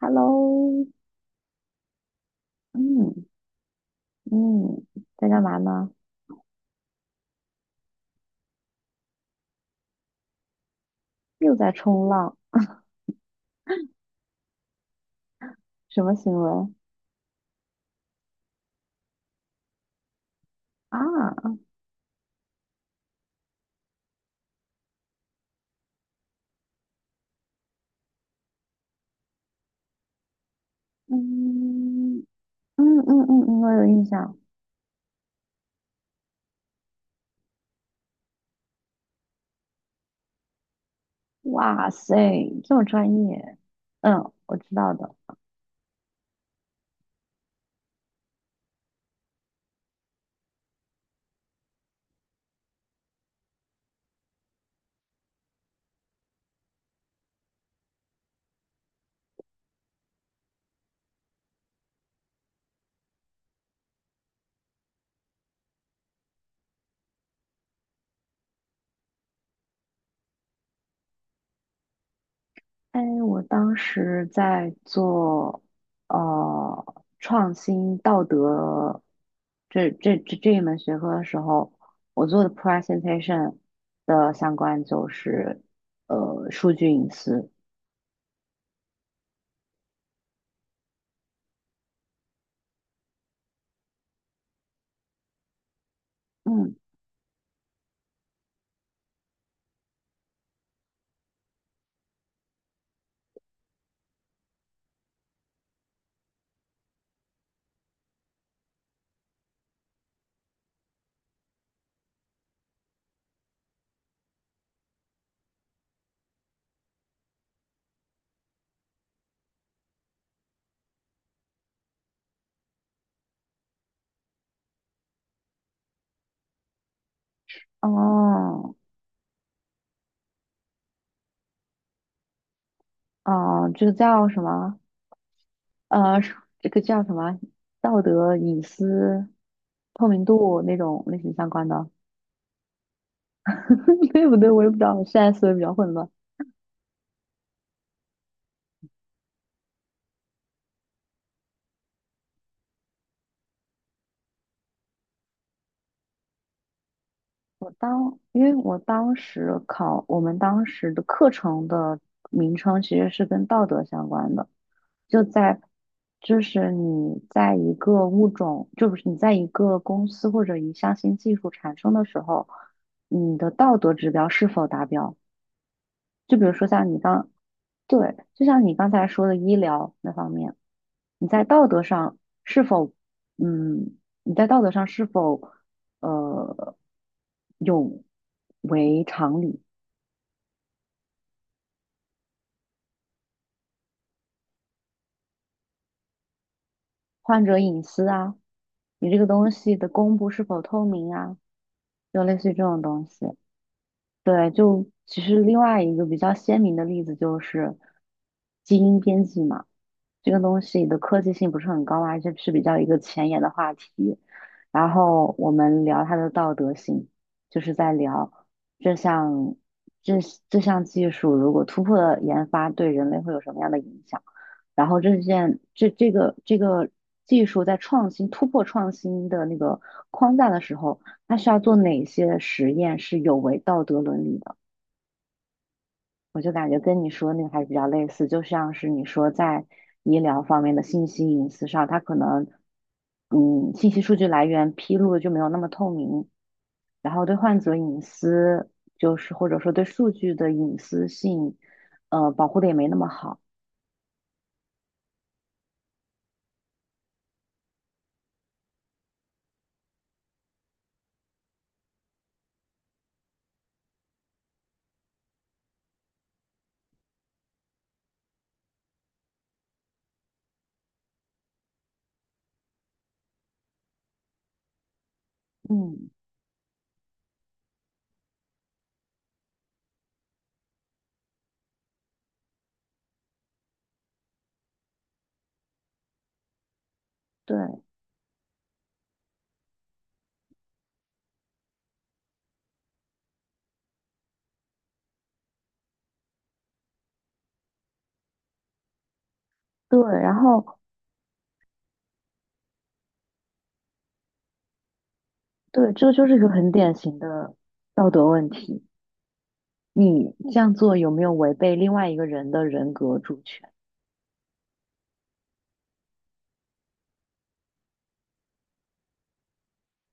Hello，嗯嗯，在干嘛呢？又在冲浪，什么行为啊？嗯嗯嗯嗯嗯，我有印象。哇塞，这么专业。嗯，我知道的。哎，我当时在做呃创新道德这一门学科的时候，我做的 presentation 的相关就是数据隐私。嗯。哦，哦，这个叫什么？呃，是这个叫什么？道德隐私透明度那种类型相关的，对不对？我也不知道，我现在思维比较混乱。因为我们当时的课程的名称其实是跟道德相关的，就在，就是你在一个物种，就不是你在一个公司或者一项新技术产生的时候，你的道德指标是否达标？就比如说像你刚，对，就像你刚才说的医疗那方面，你在道德上是否，嗯，你在道德上是否，呃，有违常理？患者隐私啊，你这个东西的公布是否透明啊，就类似于这种东西。对，就其实另外一个比较鲜明的例子就是基因编辑嘛。这个东西的科技性不是很高啊，而且是比较一个前沿的话题。然后我们聊它的道德性，就是在聊这项这这项技术如果突破了研发，对人类会有什么样的影响？然后这件这这个这个技术在创新的那个框架的时候，它需要做哪些实验是有违道德伦理的？我就感觉跟你说那个还是比较类似，就像是你说在医疗方面的信息隐私上，它可能信息数据来源披露的就没有那么透明，然后对患者隐私就是或者说对数据的隐私性，保护的也没那么好。嗯，对对，然后对，这就是一个很典型的道德问题。你这样做有没有违背另外一个人的人格主权？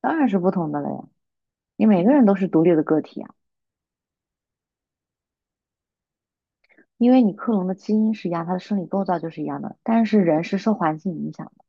当然是不同的了呀，你每个人都是独立的个体啊。因为你克隆的基因是一样，它的生理构造就是一样的，但是人是受环境影响的。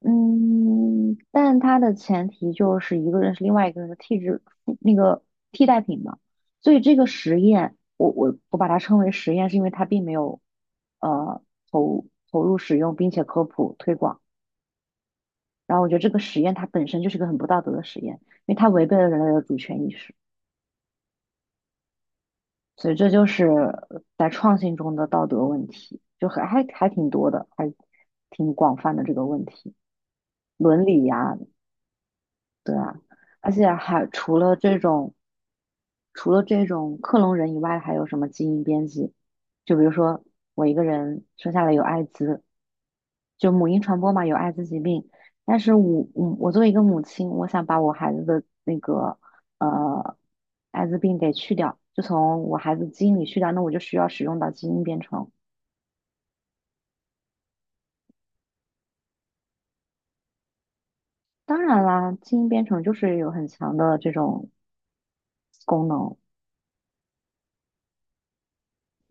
嗯，但它的前提就是一个人是另外一个人的替质那个替代品嘛。所以这个实验，我把它称为实验，是因为它并没有呃投入使用，并且科普推广。然后我觉得这个实验它本身就是一个很不道德的实验，因为它违背了人类的主权意识。所以这就是在创新中的道德问题，就还挺多的，还挺广泛的这个问题，伦理呀，对啊，而且还除了这种，除了这种克隆人以外，还有什么基因编辑？就比如说我一个人生下来有艾滋，就母婴传播嘛，有艾滋疾病。但是我我作为一个母亲，我想把我孩子的那个呃艾滋病给去掉，就从我孩子基因里去掉，那我就需要使用到基因编程。当然啦，基因编程就是有很强的这种功能。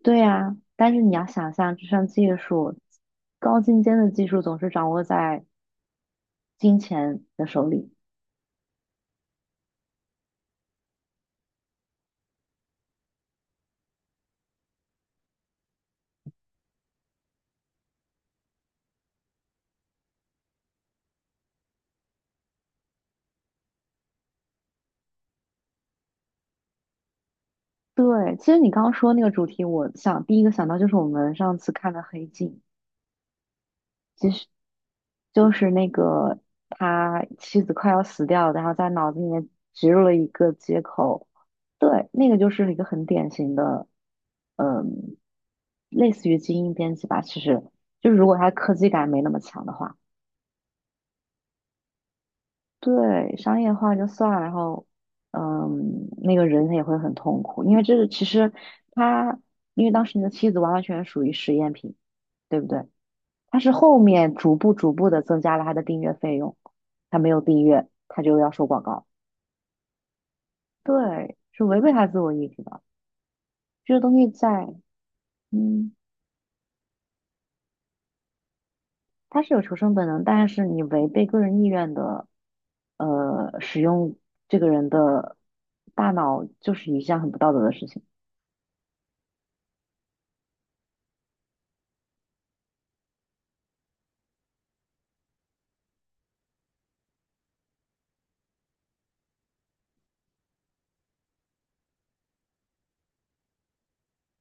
对呀，但是你要想象，这项技术高精尖的技术总是掌握在金钱的手里。对，其实你刚刚说那个主题，我想第一个想到就是我们上次看的《黑镜》。其实就是那个他妻子快要死掉了，然后在脑子里面植入了一个接口，对，那个就是一个很典型的，嗯，类似于基因编辑吧。其实就是如果他科技感没那么强的话，对，商业化就算了，然后，嗯，那个人也会很痛苦，因为这个其实他，因为当时你的妻子完完全全属于实验品，对不对？他是后面逐步逐步的增加了他的订阅费用，他没有订阅，他就要收广告，对，是违背他自我意志的。这个东西在，嗯，他是有求生本能，但是你违背个人意愿的，使用这个人的大脑，就是一项很不道德的事情。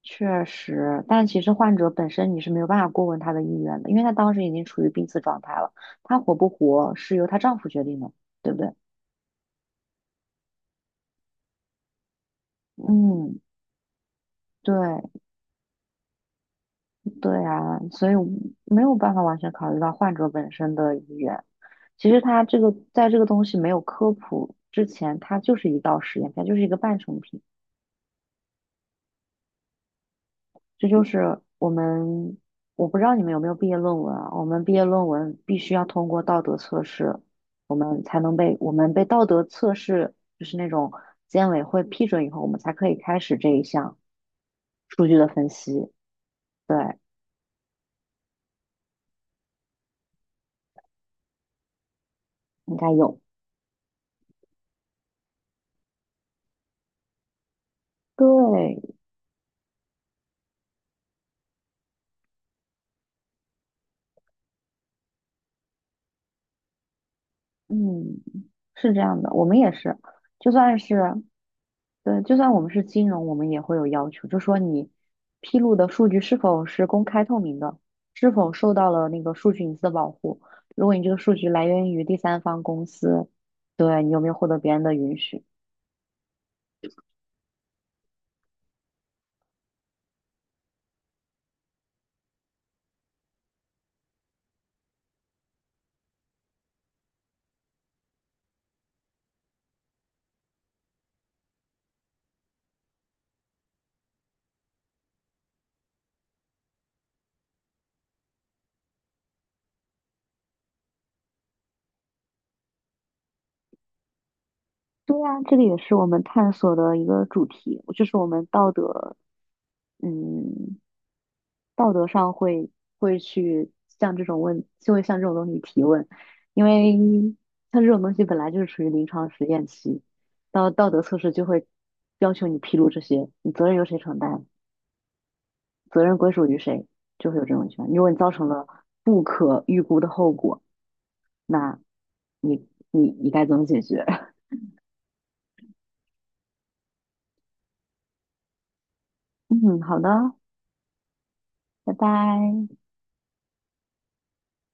确实，但其实患者本身你是没有办法过问他的意愿的，因为他当时已经处于濒死状态了，他活不活是由她丈夫决定的，对不对？嗯，对。对啊，所以我没有办法完全考虑到患者本身的意愿。其实它这个在这个东西没有科普之前，它就是一道实验，它就是一个半成品。这就是我们，我不知道你们有没有毕业论文啊？我们毕业论文必须要通过道德测试，我们才能被我们被道德测试，就是那种监委会批准以后，我们才可以开始这一项数据的分析。对，应该有。对，嗯。是这样的，我们也是，就算是对，就算我们是金融，我们也会有要求，就说你披露的数据是否是公开透明的，是否受到了那个数据隐私的保护。如果你这个数据来源于第三方公司，对你有没有获得别人的允许？对啊，这个也是我们探索的一个主题，就是我们道德，嗯，道德上会去向这种问，就会向这种东西提问，因为像这种东西本来就是处于临床实验期，到道德测试就会要求你披露这些，你责任由谁承担，责任归属于谁，就会有这种情况。如果你造成了不可预估的后果，那你该怎么解决？嗯，好的，拜拜。